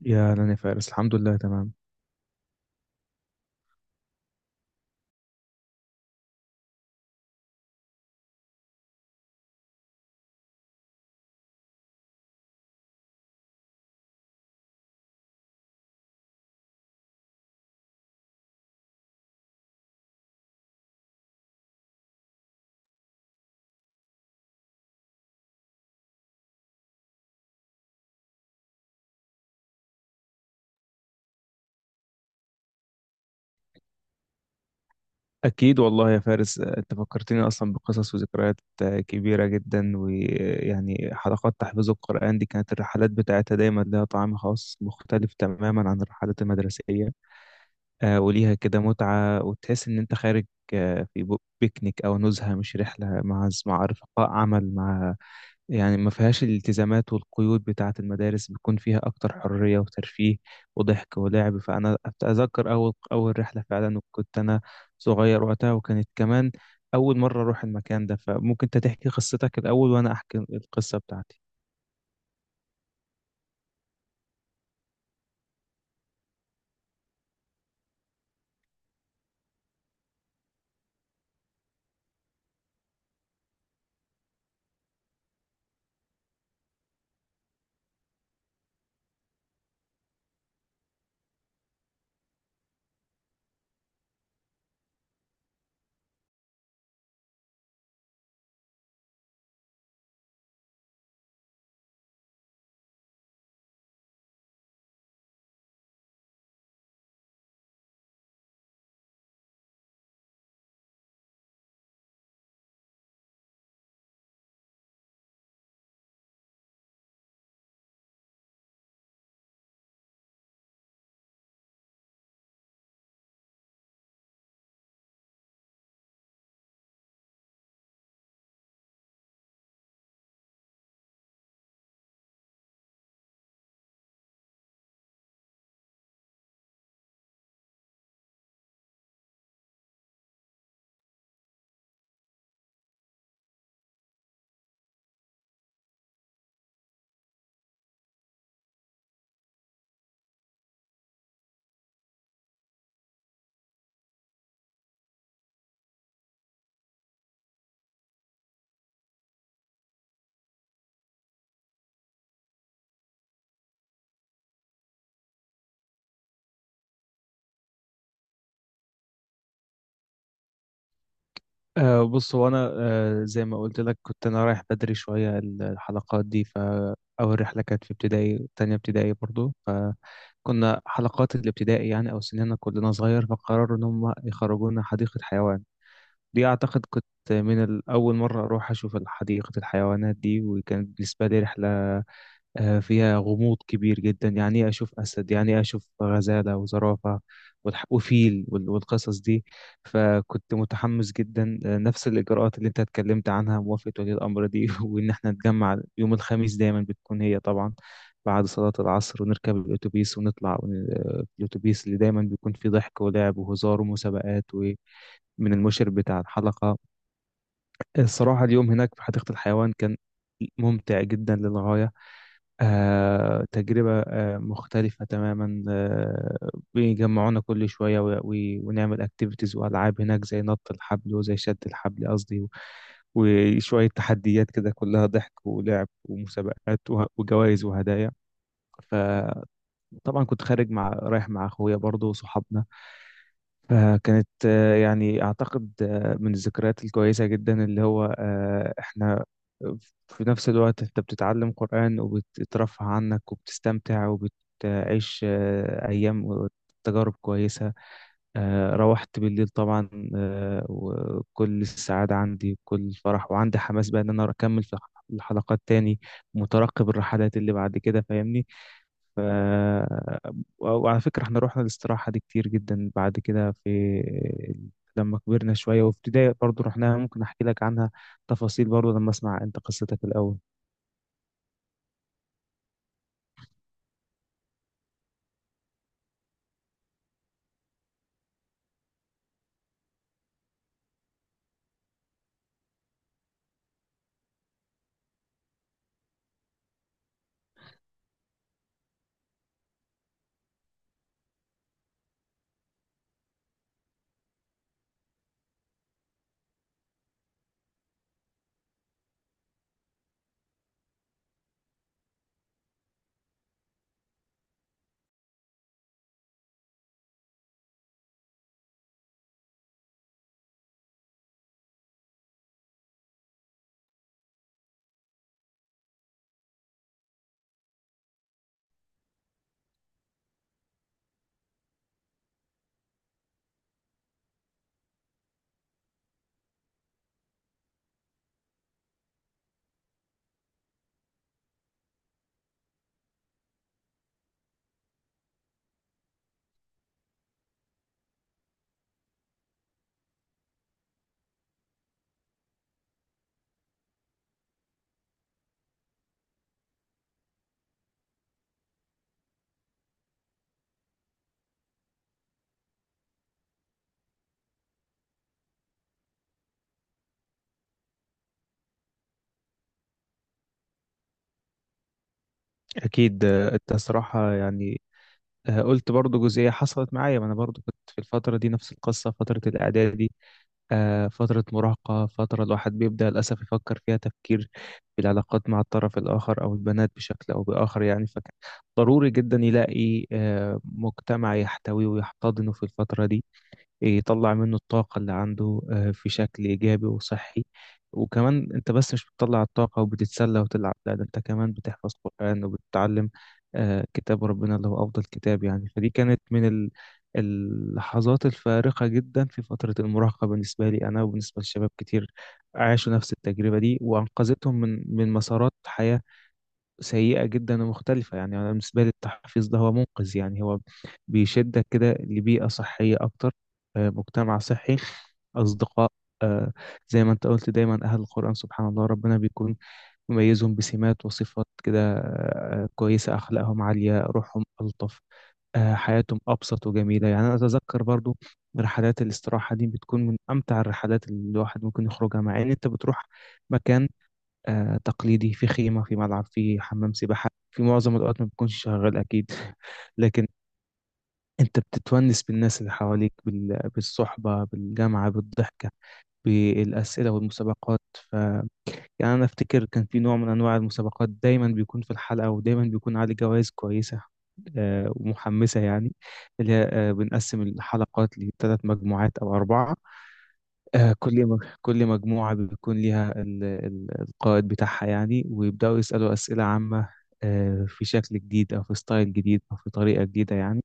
يا أهلا يا فارس، الحمد لله تمام. أكيد والله يا فارس، أنت فكرتني أصلا بقصص وذكريات كبيرة جدا. ويعني حلقات تحفيظ القرآن دي كانت الرحلات بتاعتها دايما لها طعم خاص مختلف تماما عن الرحلات المدرسية. وليها كده متعة، وتحس إن أنت خارج في بيكنيك أو نزهة، مش رحلة مع رفقاء عمل، يعني ما فيهاش الالتزامات والقيود بتاعة المدارس، بيكون فيها أكتر حرية وترفيه وضحك ولعب. فأنا أتذكر أول رحلة فعلا، وكنت أنا صغير وقتها، وكانت كمان أول مرة أروح المكان ده. فممكن أنت تحكي قصتك الأول وأنا أحكي القصة بتاعتي. بص، هو أنا زي ما قلت لك كنت أنا رايح بدري شوية الحلقات دي. فأول رحلة كانت في ابتدائي، تانية ابتدائي برضو. فكنا حلقات الابتدائي يعني، أو سننا كلنا صغير، فقرروا إن هم يخرجونا حديقة حيوان. دي أعتقد كنت أول مرة أروح أشوف حديقة الحيوانات دي، وكانت بالنسبة لي رحلة فيها غموض كبير جدا. يعني إيه أشوف أسد؟ يعني إيه أشوف غزالة وزرافة وفيل والقصص دي؟ فكنت متحمس جدا. نفس الإجراءات اللي أنت اتكلمت عنها، موافقة ولي الأمر دي وإن إحنا نتجمع يوم الخميس. دايما بتكون هي طبعا بعد صلاة العصر، ونركب الأتوبيس ونطلع الأتوبيس اللي دايما بيكون فيه ضحك ولعب وهزار ومسابقات من المشرف بتاع الحلقة. الصراحة اليوم هناك في حديقة الحيوان كان ممتع جدا للغاية. تجربة مختلفة تماما. بيجمعونا كل شوية ونعمل اكتيفيتيز وألعاب هناك، زي نط الحبل وزي شد الحبل قصدي، وشوية تحديات كده، كلها ضحك ولعب ومسابقات وجوائز وهدايا. فطبعا كنت خارج، رايح مع أخويا برضه وصحابنا. فكانت يعني أعتقد من الذكريات الكويسة جدا، اللي هو إحنا في نفس الوقت أنت بتتعلم قرآن وبتترفه عنك وبتستمتع وبتعيش أيام وتجارب كويسة. روحت بالليل طبعا وكل السعادة عندي وكل الفرح، وعندي حماس بقى إن أنا أكمل في الحلقات تاني، مترقب الرحلات اللي بعد كده، فاهمني؟ ف... وعلى فكرة احنا رحنا الاستراحة دي كتير جدا بعد كده، في لما كبرنا شوية. وفي ابتدائي برضه رحناها، ممكن أحكي لك عنها تفاصيل برضه لما أسمع أنت قصتك الأول. أكيد أنت صراحة يعني قلت برضه جزئية حصلت معايا. ما أنا برضه كنت في الفترة دي نفس القصة، فترة الإعدادي، فترة مراهقة، فترة الواحد بيبدأ للأسف يفكر فيها تفكير في العلاقات مع الطرف الآخر أو البنات، بشكل أو بآخر يعني. فكان ضروري جدا يلاقي مجتمع يحتويه ويحتضنه في الفترة دي، يطلع منه الطاقة اللي عنده في شكل إيجابي وصحي. وكمان أنت بس مش بتطلع الطاقة وبتتسلى وتلعب، لا ده أنت كمان بتحفظ قرآن وبتتعلم كتاب ربنا اللي هو أفضل كتاب يعني. فدي كانت من اللحظات الفارقة جدا في فترة المراهقة بالنسبة لي أنا، وبالنسبة لشباب كتير عاشوا نفس التجربة دي، وأنقذتهم من مسارات حياة سيئة جدا ومختلفة. يعني أنا بالنسبة لي التحفيظ ده هو منقذ، يعني هو بيشدك كده لبيئة صحية أكتر، مجتمع صحي، أصدقاء. آه، زي ما أنت قلت دايما أهل القرآن سبحان الله ربنا بيكون مميزهم بسمات وصفات كده كويسة. أخلاقهم عالية، روحهم ألطف، حياتهم أبسط وجميلة. يعني أنا أتذكر برضو رحلات الاستراحة دي بتكون من أمتع الرحلات اللي الواحد ممكن يخرجها، مع إن أنت بتروح مكان تقليدي، في خيمة، في ملعب، في حمام سباحة في معظم الوقت ما بيكونش شغال أكيد لكن أنت بتتونس بالناس اللي حواليك، بالصحبة، بالجامعة، بالضحكة، بالأسئلة والمسابقات. يعني أنا أفتكر كان في نوع من أنواع المسابقات دايما بيكون في الحلقة، ودايما بيكون عليه جوائز كويسة ومحمسة يعني، اللي هي بنقسم الحلقات لثلاث مجموعات أو أربعة. كل كل مجموعة بيكون ليها القائد بتاعها يعني، ويبدأوا يسألوا أسئلة عامة في شكل جديد أو في ستايل جديد أو في طريقة جديدة يعني.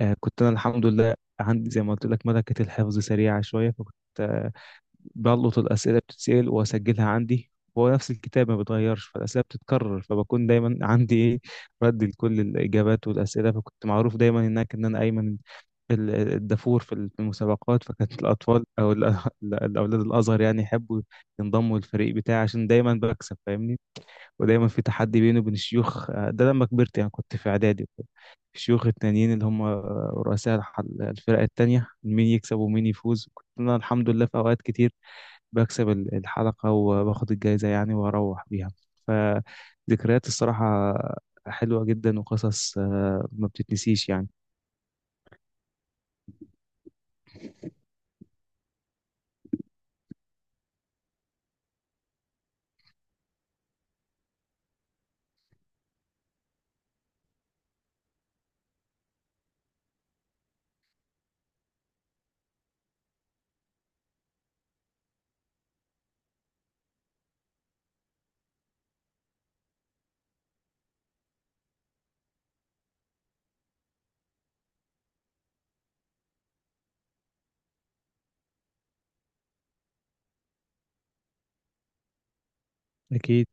كنت أنا الحمد لله عندي زي ما قلت لك ملكة الحفظ سريعة شوية، فكنت بلقط الأسئلة بتتسأل وأسجلها عندي. هو نفس الكتاب ما بيتغيرش، فالأسئلة بتتكرر، فبكون دايما عندي إيه، رد لكل الإجابات والأسئلة. فكنت معروف دايما هناك إن أنا أيمن الدافور في في المسابقات. فكانت الأطفال أو الأولاد الأصغر يعني يحبوا ينضموا للفريق بتاعي عشان دايما بكسب، فاهمني؟ ودايما في تحدي بيني وبين الشيوخ، ده لما كبرت يعني كنت في إعدادي وكده. الشيوخ التانيين اللي هم رؤساء الفرق التانية، مين يكسب ومين يفوز. كنت أنا الحمد لله في أوقات كتير بكسب الحلقة وباخد الجايزة يعني وأروح بيها. فذكريات الصراحة حلوة جدا، وقصص ما بتتنسيش يعني. أكيد.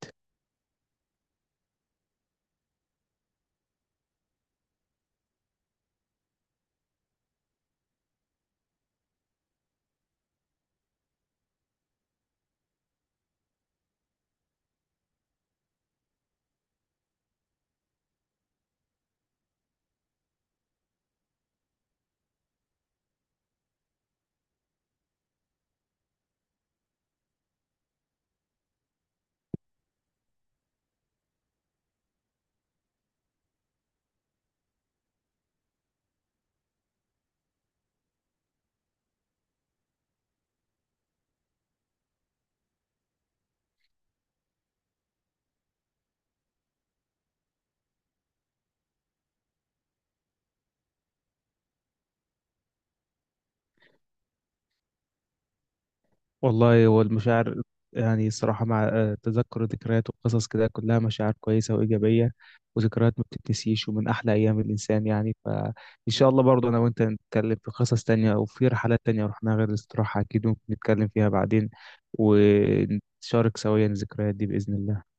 والله هو المشاعر يعني الصراحة مع تذكر ذكريات وقصص كده كلها مشاعر كويسة وإيجابية، وذكريات ما بتتنسيش، ومن أحلى أيام الإنسان يعني. فإن شاء الله برضه أنا وأنت نتكلم في قصص تانية وفي رحلات تانية رحناها غير الاستراحة، أكيد ممكن نتكلم فيها بعدين، ونشارك سويا الذكريات دي بإذن الله.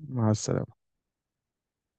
مع السلامة.